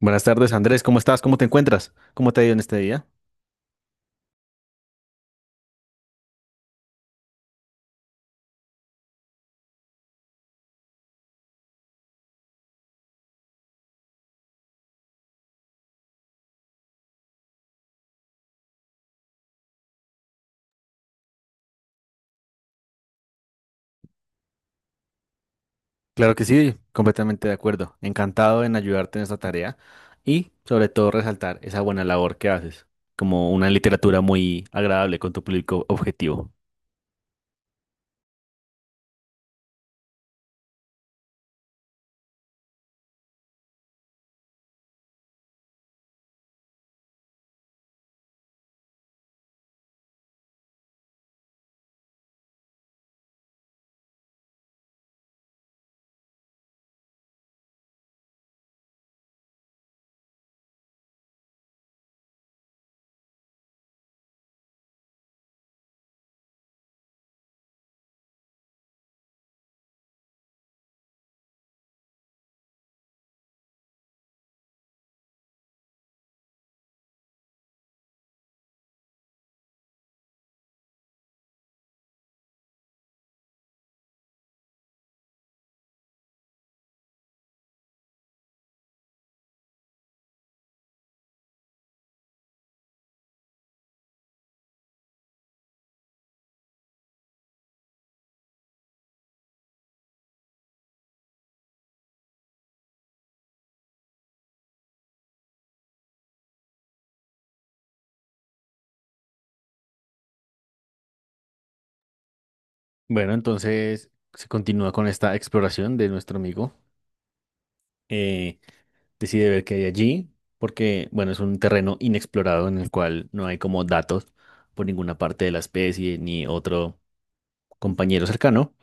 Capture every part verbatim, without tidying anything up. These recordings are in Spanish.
Buenas tardes, Andrés. ¿Cómo estás? ¿Cómo te encuentras? ¿Cómo te ha ido en este día? Claro que sí, completamente de acuerdo. Encantado en ayudarte en esta tarea y sobre todo resaltar esa buena labor que haces, como una literatura muy agradable con tu público objetivo. Bueno, entonces se continúa con esta exploración de nuestro amigo. Eh, decide ver qué hay allí, porque, bueno, es un terreno inexplorado en el cual no hay como datos por ninguna parte de la especie ni otro compañero cercano.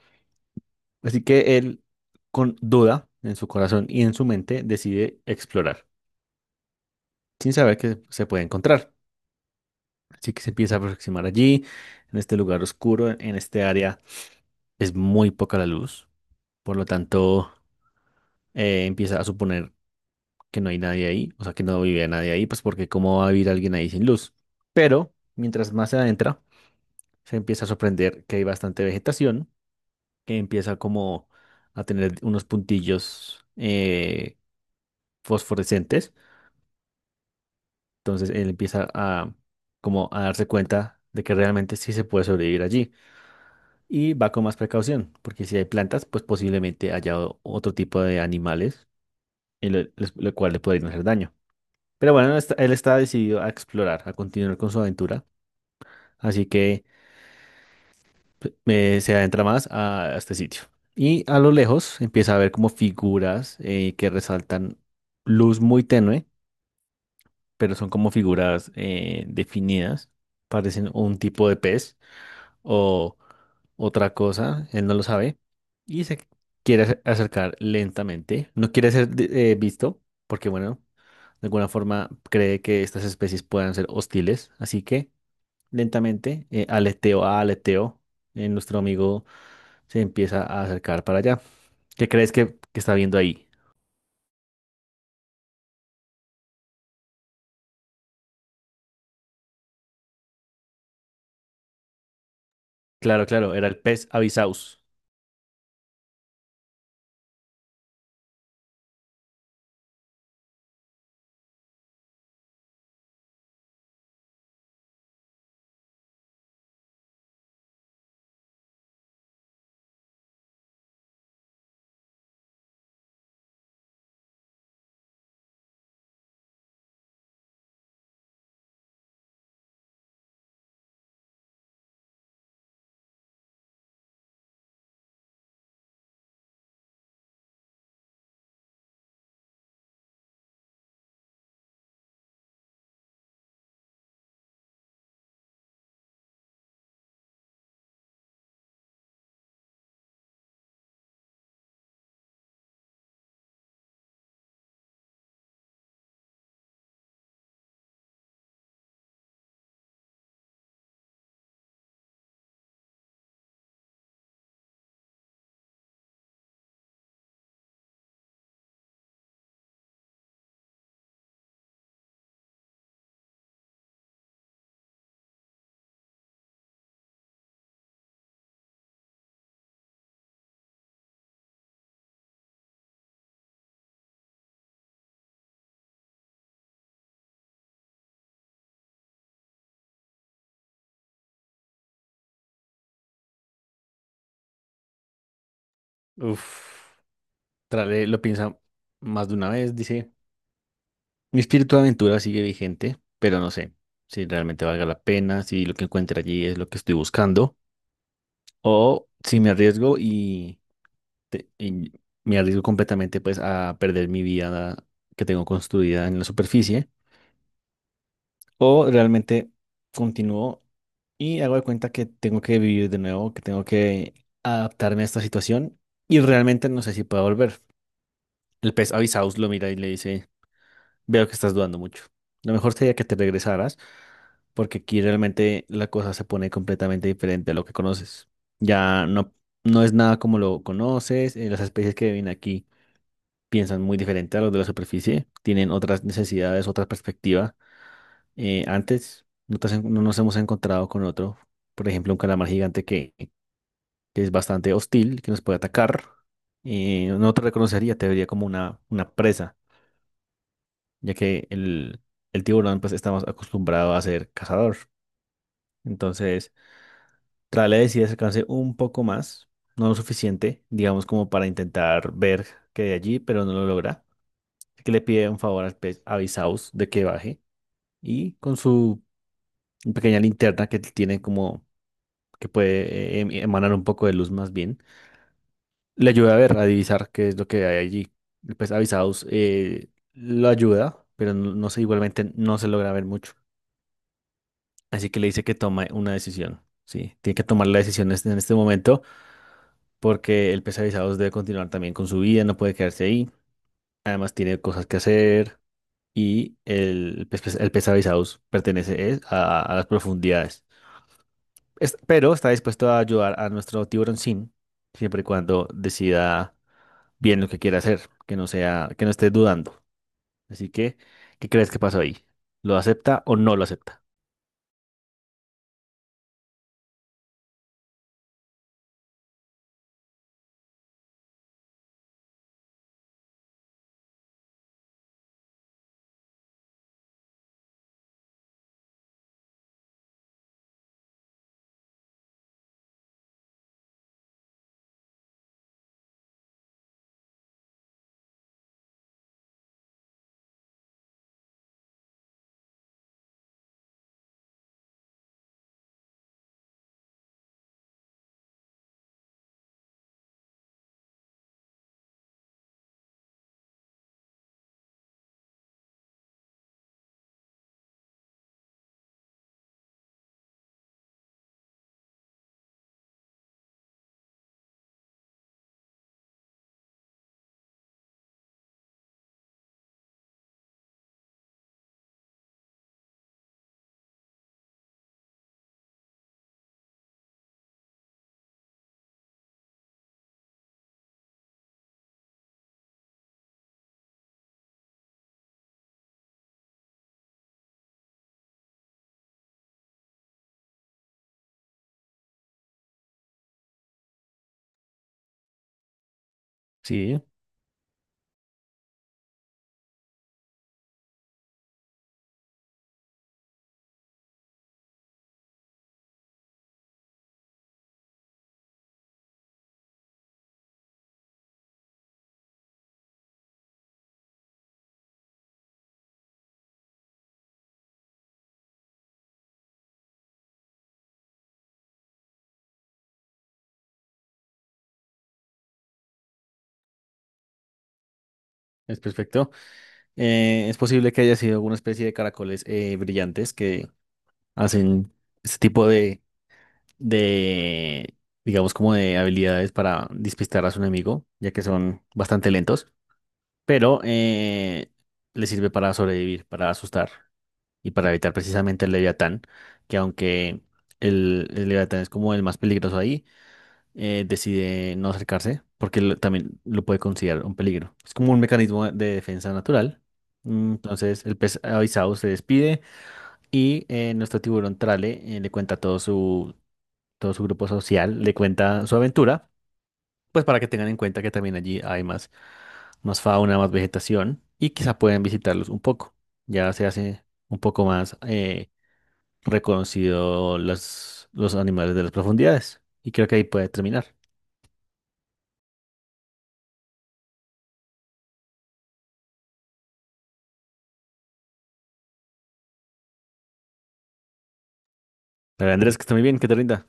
Así que él, con duda en su corazón y en su mente, decide explorar, sin saber que se puede encontrar. Así que se empieza a aproximar allí, en este lugar oscuro, en este área es muy poca la luz, por lo tanto eh, empieza a suponer que no hay nadie ahí, o sea, que no vive nadie ahí, pues porque cómo va a vivir alguien ahí sin luz. Pero mientras más se adentra, se empieza a sorprender que hay bastante vegetación, que empieza como a tener unos puntillos eh, fosforescentes. Entonces él empieza a como a darse cuenta de que realmente sí se puede sobrevivir allí y va con más precaución, porque si hay plantas, pues posiblemente haya o- otro tipo de animales, y lo, les- lo cual le podrían hacer daño. Pero bueno, está- él está decidido a explorar, a continuar con su aventura, así que p- eh, se adentra más a, a este sitio. Y a lo lejos empieza a ver como figuras eh, que resaltan luz muy tenue, pero son como figuras eh, definidas, parecen un tipo de pez, o otra cosa, él no lo sabe y se quiere ac- acercar lentamente. No quiere ser de- eh, visto porque, bueno, de alguna forma cree que estas especies puedan ser hostiles, así que lentamente, eh, aleteo a aleteo, eh, nuestro amigo se empieza a acercar para allá. ¿Qué crees que, que está viendo ahí? Claro, claro, era el pez avisaus. Uf, Trale lo piensa más de una vez, dice. Mi espíritu de aventura sigue vigente, pero no sé si realmente valga la pena, si lo que encuentre allí es lo que estoy buscando, o si me arriesgo y, te- y me arriesgo completamente pues a perder mi vida que tengo construida en la superficie, o realmente continúo y hago de cuenta que tengo que vivir de nuevo, que tengo que adaptarme a esta situación y realmente no sé si puedo volver. El pez avisaus lo mira y le dice: Veo que estás dudando mucho. Lo mejor sería que te regresaras, porque aquí realmente la cosa se pone completamente diferente a lo que conoces. Ya no, no es nada como lo conoces. Eh, las especies que viven aquí piensan muy diferente a los de la superficie. Tienen otras necesidades, otra perspectiva. Eh, antes no, te has en- No nos hemos encontrado con otro, por ejemplo, un calamar gigante que, que es bastante hostil, que nos puede atacar. Eh, no te reconocería, te vería como una, una presa, ya que el, el tiburón pues está más acostumbrado a ser cazador. Entonces, Trale decide acercarse un poco más, no lo suficiente, digamos, como para intentar ver que hay allí, pero no lo logra. Así que le pide un favor al pez avisaos de que baje y con su pequeña linterna que tiene, como que puede eh, em- emanar un poco de luz más bien, le ayuda a ver, a divisar qué es lo que hay allí. El pez avisaos eh, lo ayuda, pero no, no sé, igualmente no se logra ver mucho. Así que le dice que tome una decisión. Sí, tiene que tomar la decisión este- en este momento porque el pesavisados debe continuar también con su vida, no puede quedarse ahí. Además tiene cosas que hacer y el, pes- pes- el pesavisados pertenece es a, a las profundidades. Es- pero está dispuesto a ayudar a nuestro tiburón, sin, siempre y cuando decida bien lo que quiere hacer, que no sea, que no esté dudando. Así que, ¿qué crees que pasó ahí? ¿Lo acepta o no lo acepta? Sí, es perfecto. Eh, es posible que haya sido alguna especie de caracoles eh, brillantes que hacen este tipo de, de, digamos, como de habilidades para despistar a su enemigo, ya que son bastante lentos, pero eh, le sirve para sobrevivir, para asustar y para evitar precisamente el Leviatán, que aunque el, el Leviatán es como el más peligroso ahí, eh, decide no acercarse porque lo- también lo puede considerar un peligro. Es como un mecanismo de defensa natural. Mm, Entonces el pez avisado se despide y eh, nuestro tiburón trale eh, le cuenta todo su, todo su grupo social, le cuenta su aventura, pues para que tengan en cuenta que también allí hay más, más fauna, más vegetación y quizá pueden visitarlos un poco. Ya se hace un poco más eh, reconocido las, los animales de las profundidades y creo que ahí puede terminar. Pero Andrés, que está muy bien, que te rinda.